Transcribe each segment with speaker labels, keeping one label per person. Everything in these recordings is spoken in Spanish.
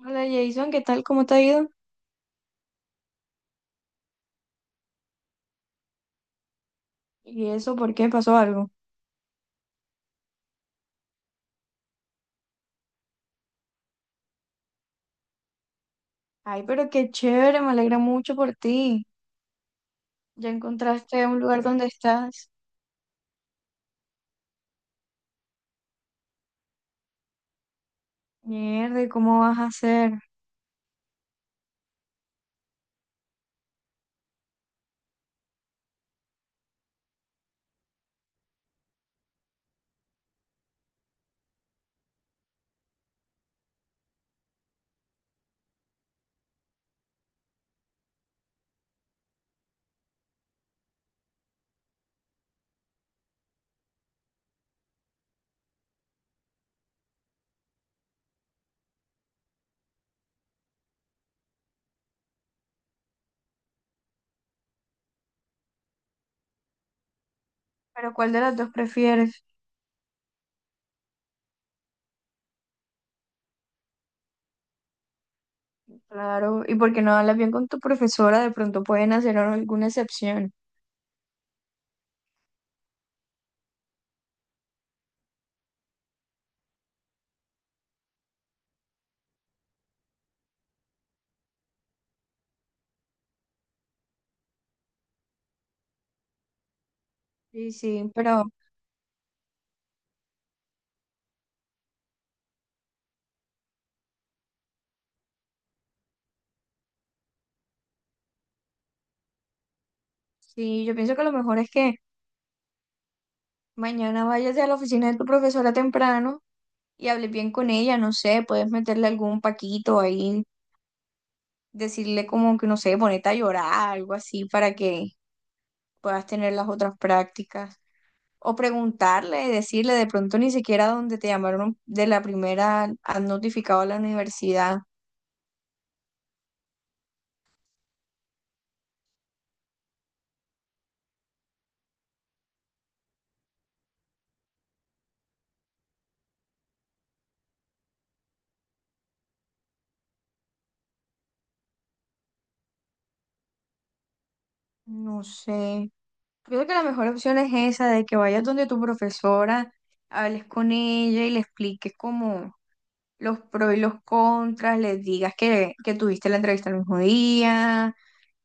Speaker 1: Hola Jason, ¿qué tal? ¿Cómo te ha ido? ¿Y eso por qué pasó algo? Ay, pero qué chévere, me alegra mucho por ti. Ya encontraste un lugar donde estás. Mierda, ¿y cómo vas a hacer? Pero ¿cuál de las dos prefieres? Claro, y porque no hablas bien con tu profesora, de pronto pueden hacer alguna excepción. Sí, sí, pero sí, yo pienso que lo mejor es que mañana vayas a la oficina de tu profesora temprano y hables bien con ella, no sé, puedes meterle algún paquito ahí decirle como que, no sé, ponete a llorar, algo así, para que puedas tener las otras prácticas. O preguntarle, decirle de pronto ni siquiera donde te llamaron de la primera, han notificado a la universidad. No sé. Yo creo que la mejor opción es esa, de que vayas donde tu profesora, hables con ella y le expliques como los pros y los contras, les digas que tuviste la entrevista el mismo día,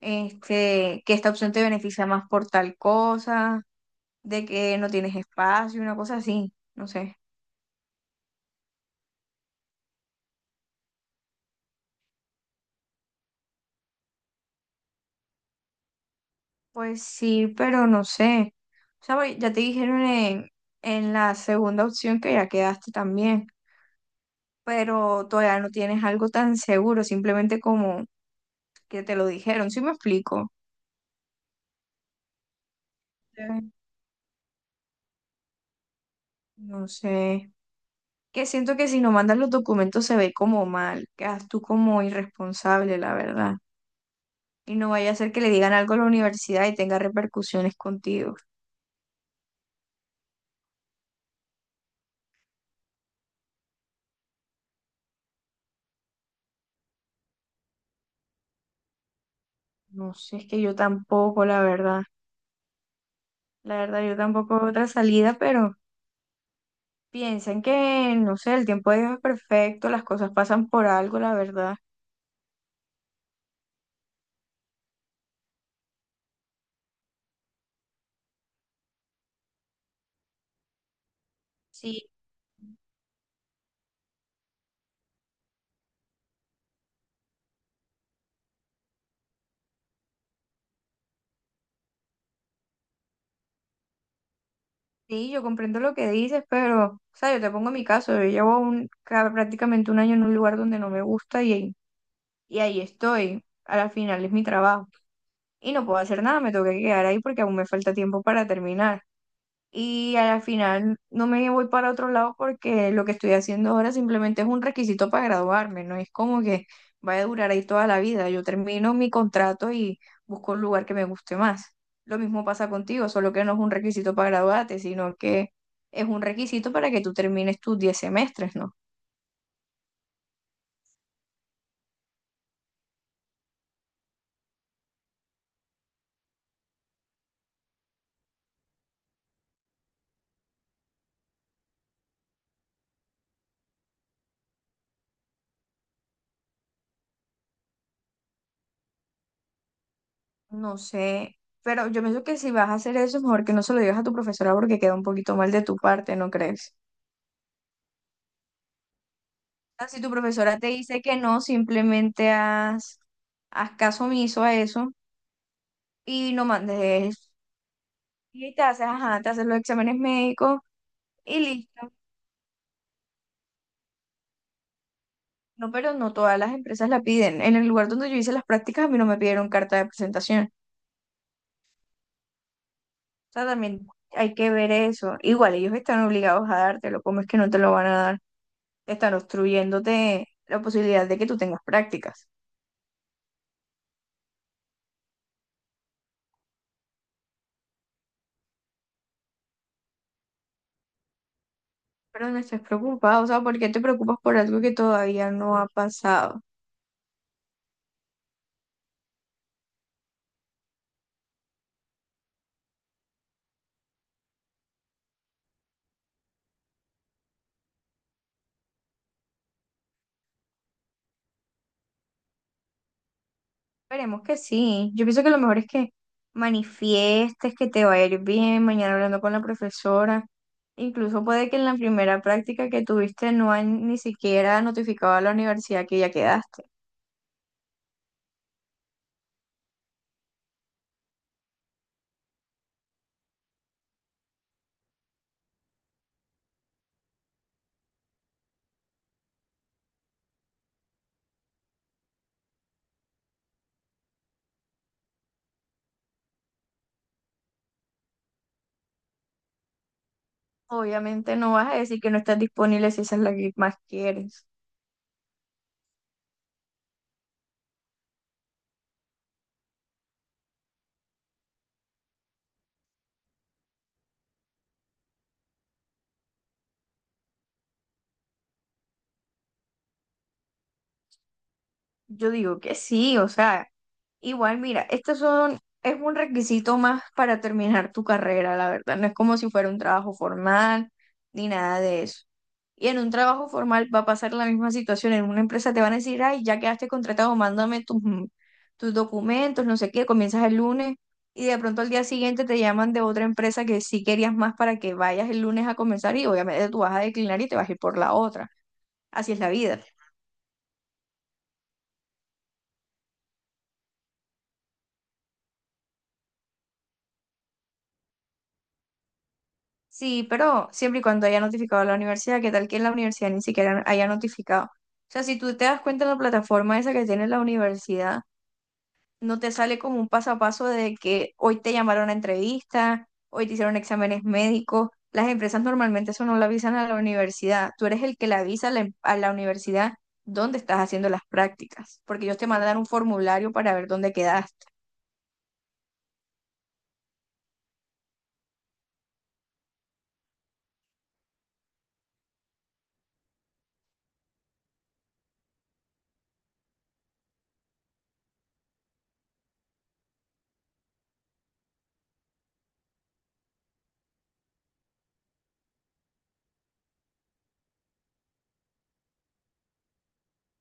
Speaker 1: este, que esta opción te beneficia más por tal cosa de que no tienes espacio, una cosa así, no sé. Pues sí, pero no sé. O sea, ya te dijeron en la segunda opción que ya quedaste también, pero todavía no tienes algo tan seguro, simplemente como que te lo dijeron, ¿sí me explico? Pues, no sé. Que siento que si no mandas los documentos se ve como mal, quedas tú como irresponsable, la verdad. Y no vaya a ser que le digan algo a la universidad y tenga repercusiones contigo. No sé, es que yo tampoco, la verdad. La verdad, yo tampoco veo otra salida, pero piensan que, no sé, el tiempo de Dios es perfecto, las cosas pasan por algo, la verdad. Sí, sí, yo comprendo lo que dices, pero, o sea, yo te pongo mi caso, yo llevo prácticamente un año en un lugar donde no me gusta y ahí estoy, a la final es mi trabajo. Y no puedo hacer nada, me tengo que quedar ahí porque aún me falta tiempo para terminar. Y a la final no me voy para otro lado porque lo que estoy haciendo ahora simplemente es un requisito para graduarme, no es como que vaya a durar ahí toda la vida. Yo termino mi contrato y busco un lugar que me guste más. Lo mismo pasa contigo, solo que no es un requisito para graduarte, sino que es un requisito para que tú termines tus 10 semestres, ¿no? No sé, pero yo pienso que si vas a hacer eso, mejor que no se lo digas a tu profesora porque queda un poquito mal de tu parte, ¿no crees? Si tu profesora te dice que no, simplemente haz caso omiso a eso y no mandes. Y te haces, ajá, te haces los exámenes médicos y listo. No, pero no todas las empresas la piden. En el lugar donde yo hice las prácticas, a mí no me pidieron carta de presentación. O sea, también hay que ver eso. Igual, ellos están obligados a dártelo. ¿Cómo es que no te lo van a dar? Están obstruyéndote la posibilidad de que tú tengas prácticas. Pero no estés preocupado, o sea, ¿por qué te preocupas por algo que todavía no ha pasado? Esperemos que sí. Yo pienso que lo mejor es que manifiestes que te va a ir bien mañana hablando con la profesora. Incluso puede que en la primera práctica que tuviste no han ni siquiera notificado a la universidad que ya quedaste. Obviamente no vas a decir que no estás disponible si esa es la que más quieres. Yo digo que sí, o sea. Igual, mira, estos son, es un requisito más para terminar tu carrera, la verdad. No es como si fuera un trabajo formal ni nada de eso. Y en un trabajo formal va a pasar la misma situación. En una empresa te van a decir, ay, ya quedaste contratado, mándame tus, tus documentos, no sé qué, comienzas el lunes y de pronto al día siguiente te llaman de otra empresa que sí querías más para que vayas el lunes a comenzar y obviamente tú vas a declinar y te vas a ir por la otra. Así es la vida. Sí, pero siempre y cuando haya notificado a la universidad, ¿qué tal que en la universidad ni siquiera haya notificado? O sea, si tú te das cuenta en la plataforma esa que tiene la universidad, no te sale como un paso a paso de que hoy te llamaron a entrevista, hoy te hicieron exámenes médicos. Las empresas normalmente eso no lo avisan a la universidad. Tú eres el que le avisa a la, a la universidad dónde estás haciendo las prácticas, porque ellos te mandan un formulario para ver dónde quedaste.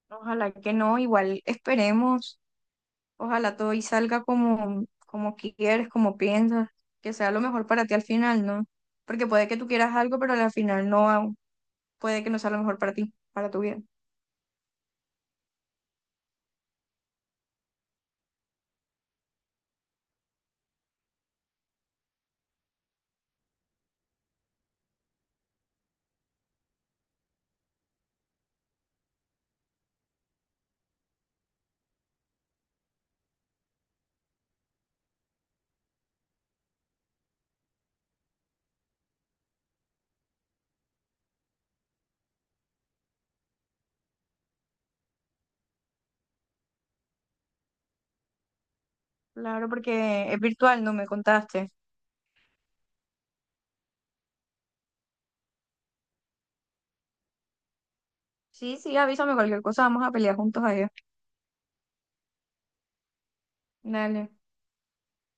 Speaker 1: Ojalá que no, igual esperemos. Ojalá todo y salga como, como quieres, como piensas, que sea lo mejor para ti al final, ¿no? Porque puede que tú quieras algo, pero al final no, puede que no sea lo mejor para ti, para tu vida. Claro, porque es virtual, no me contaste. Sí, sí, avísame cualquier cosa, vamos a pelear juntos allá. Dale.